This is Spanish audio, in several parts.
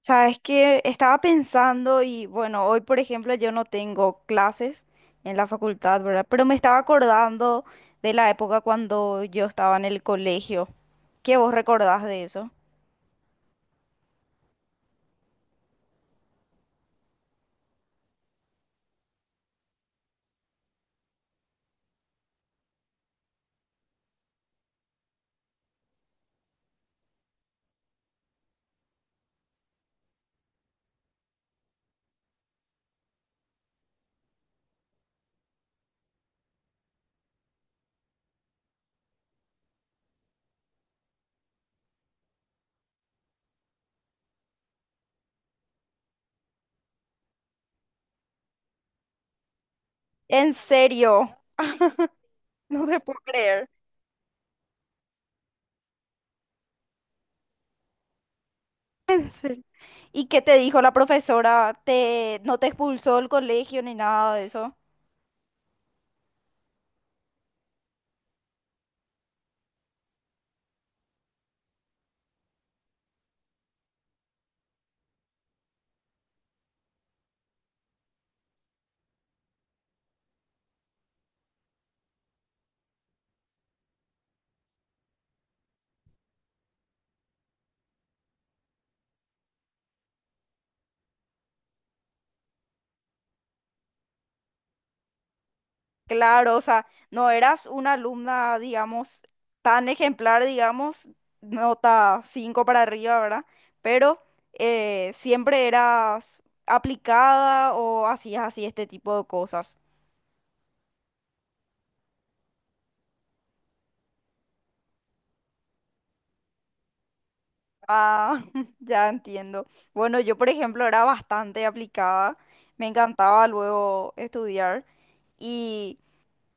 Sabes que estaba pensando y bueno, hoy por ejemplo yo no tengo clases en la facultad, ¿verdad? Pero me estaba acordando de la época cuando yo estaba en el colegio. ¿Qué vos recordás de eso? En serio, no te puedo creer. En serio. ¿Y qué te dijo la profesora? No te expulsó del colegio ni nada de eso? Claro, o sea, no eras una alumna, digamos, tan ejemplar, digamos, nota 5 para arriba, ¿verdad? Pero siempre eras aplicada o hacías así este tipo de cosas. Ah, ya entiendo. Bueno, yo, por ejemplo, era bastante aplicada, me encantaba luego estudiar y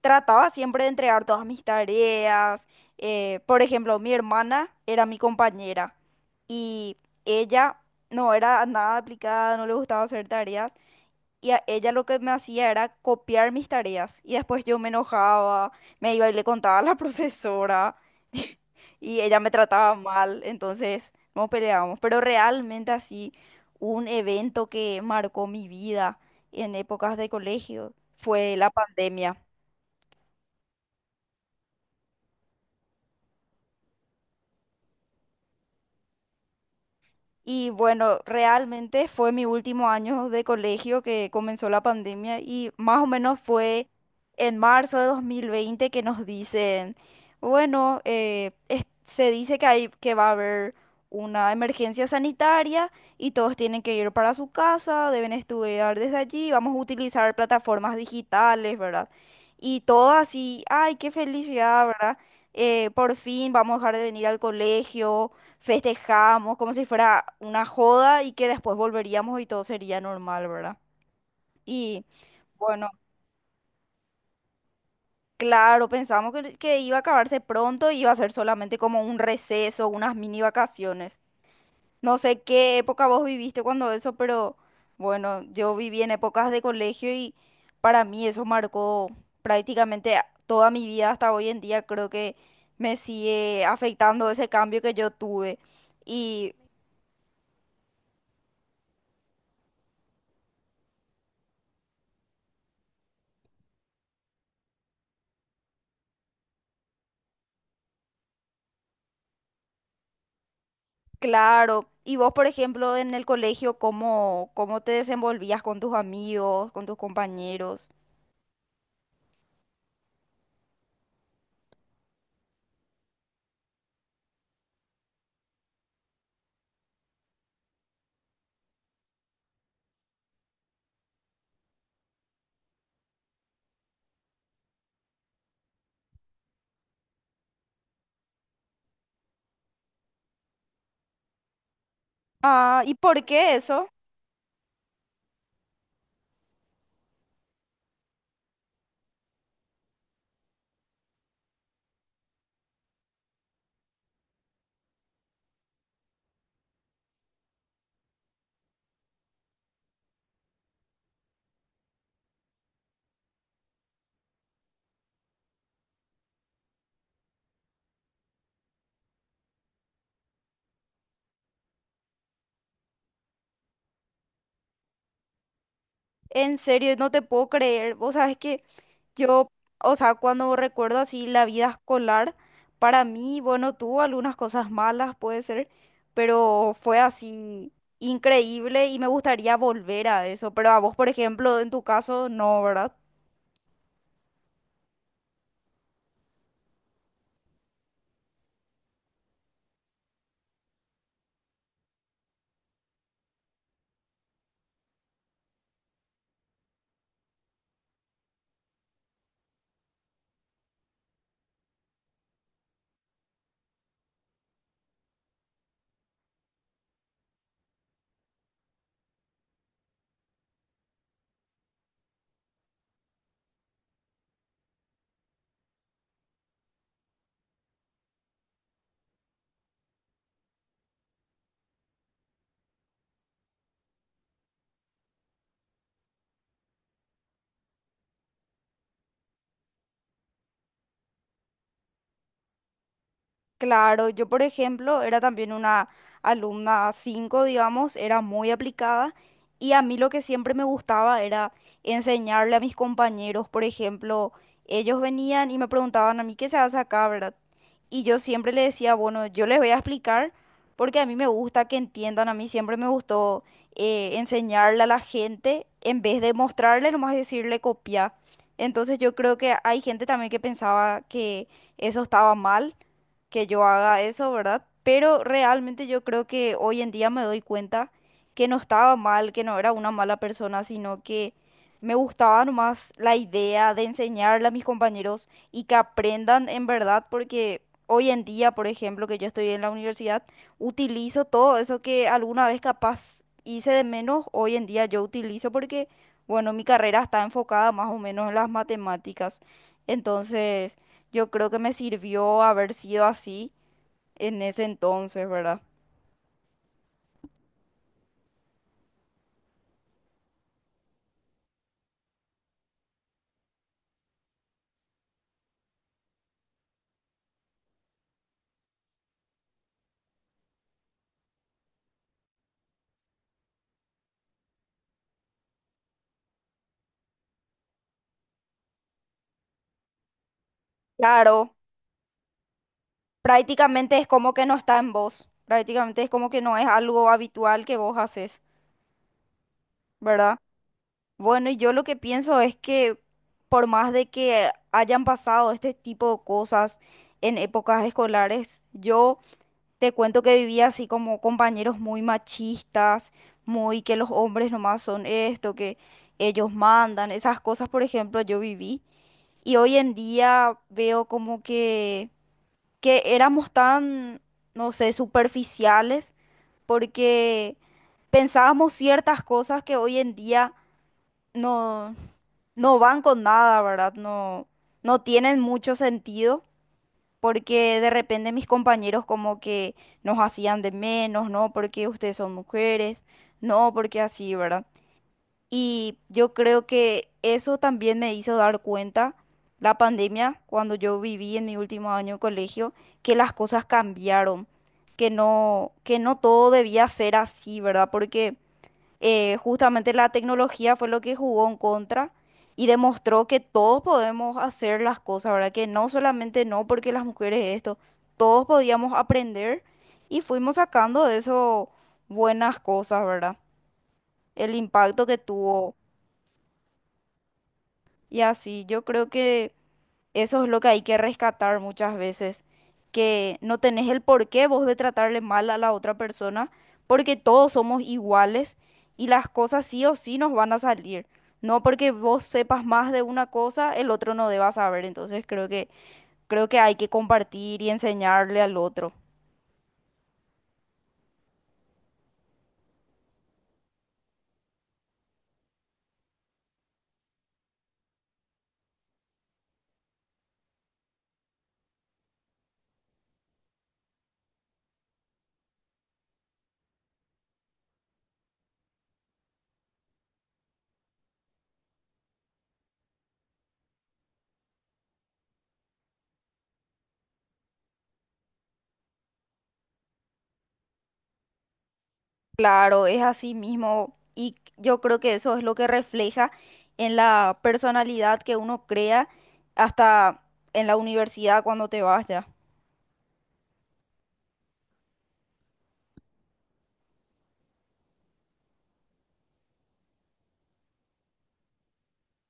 trataba siempre de entregar todas mis tareas. Por ejemplo, mi hermana era mi compañera y ella no era nada aplicada, no le gustaba hacer tareas. Y a ella lo que me hacía era copiar mis tareas. Y después yo me enojaba, me iba y le contaba a la profesora. Y ella me trataba mal, entonces nos peleábamos. Pero realmente así, un evento que marcó mi vida en épocas de colegio fue la pandemia. Y bueno, realmente fue mi último año de colegio que comenzó la pandemia y más o menos fue en marzo de 2020 que nos dicen, bueno, se dice que hay, que va a haber una emergencia sanitaria y todos tienen que ir para su casa, deben estudiar desde allí, vamos a utilizar plataformas digitales, ¿verdad? Y todo así, ay, qué felicidad, ¿verdad? Por fin vamos a dejar de venir al colegio, festejábamos como si fuera una joda y que después volveríamos y todo sería normal, ¿verdad? Y bueno, claro, pensamos que iba a acabarse pronto y iba a ser solamente como un receso, unas mini vacaciones. No sé qué época vos viviste cuando eso, pero bueno, yo viví en épocas de colegio y para mí eso marcó prácticamente toda mi vida hasta hoy en día. Creo que me sigue afectando ese cambio que yo tuve. Y claro. Y vos, por ejemplo, en el colegio, ¿cómo, cómo te desenvolvías con tus amigos, con tus compañeros? Ah, ¿y por qué eso? En serio, no te puedo creer. Vos sabes que yo, o sea, cuando recuerdo así la vida escolar, para mí, bueno, tuvo algunas cosas malas, puede ser, pero fue así increíble y me gustaría volver a eso. Pero a vos, por ejemplo, en tu caso, no, ¿verdad? Claro, yo por ejemplo era también una alumna 5, digamos, era muy aplicada y a mí lo que siempre me gustaba era enseñarle a mis compañeros. Por ejemplo, ellos venían y me preguntaban a mí qué se hace acá, ¿verdad? Y yo siempre le decía, bueno, yo les voy a explicar porque a mí me gusta que entiendan, a mí siempre me gustó enseñarle a la gente en vez de mostrarle, nomás decirle copia. Entonces yo creo que hay gente también que pensaba que eso estaba mal, que yo haga eso, ¿verdad? Pero realmente yo creo que hoy en día me doy cuenta que no estaba mal, que no era una mala persona, sino que me gustaba nomás la idea de enseñarle a mis compañeros y que aprendan en verdad, porque hoy en día, por ejemplo, que yo estoy en la universidad, utilizo todo eso que alguna vez capaz hice de menos, hoy en día yo utilizo porque, bueno, mi carrera está enfocada más o menos en las matemáticas. Entonces, yo creo que me sirvió haber sido así en ese entonces, ¿verdad? Claro, prácticamente es como que no está en vos, prácticamente es como que no es algo habitual que vos haces, ¿verdad? Bueno, y yo lo que pienso es que por más de que hayan pasado este tipo de cosas en épocas escolares, yo te cuento que vivía así como compañeros muy machistas, muy que los hombres nomás son esto, que ellos mandan, esas cosas, por ejemplo, yo viví. Y hoy en día veo como que éramos tan, no sé, superficiales porque pensábamos ciertas cosas que hoy en día no, no van con nada, ¿verdad? No, no tienen mucho sentido porque de repente mis compañeros como que nos hacían de menos, ¿no? Porque ustedes son mujeres, no, porque así, ¿verdad? Y yo creo que eso también me hizo dar cuenta, la pandemia, cuando yo viví en mi último año de colegio, que las cosas cambiaron, que no todo debía ser así, ¿verdad? Porque justamente la tecnología fue lo que jugó en contra y demostró que todos podemos hacer las cosas, ¿verdad? Que no solamente no porque las mujeres esto, todos podíamos aprender y fuimos sacando de eso buenas cosas, ¿verdad? El impacto que tuvo. Y así, yo creo que eso es lo que hay que rescatar muchas veces, que no tenés el porqué vos de tratarle mal a la otra persona, porque todos somos iguales y las cosas sí o sí nos van a salir. No porque vos sepas más de una cosa, el otro no deba saber. Entonces creo que hay que compartir y enseñarle al otro. Claro, es así mismo y yo creo que eso es lo que refleja en la personalidad que uno crea hasta en la universidad cuando te vas ya.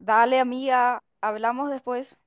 Dale, amiga, hablamos después.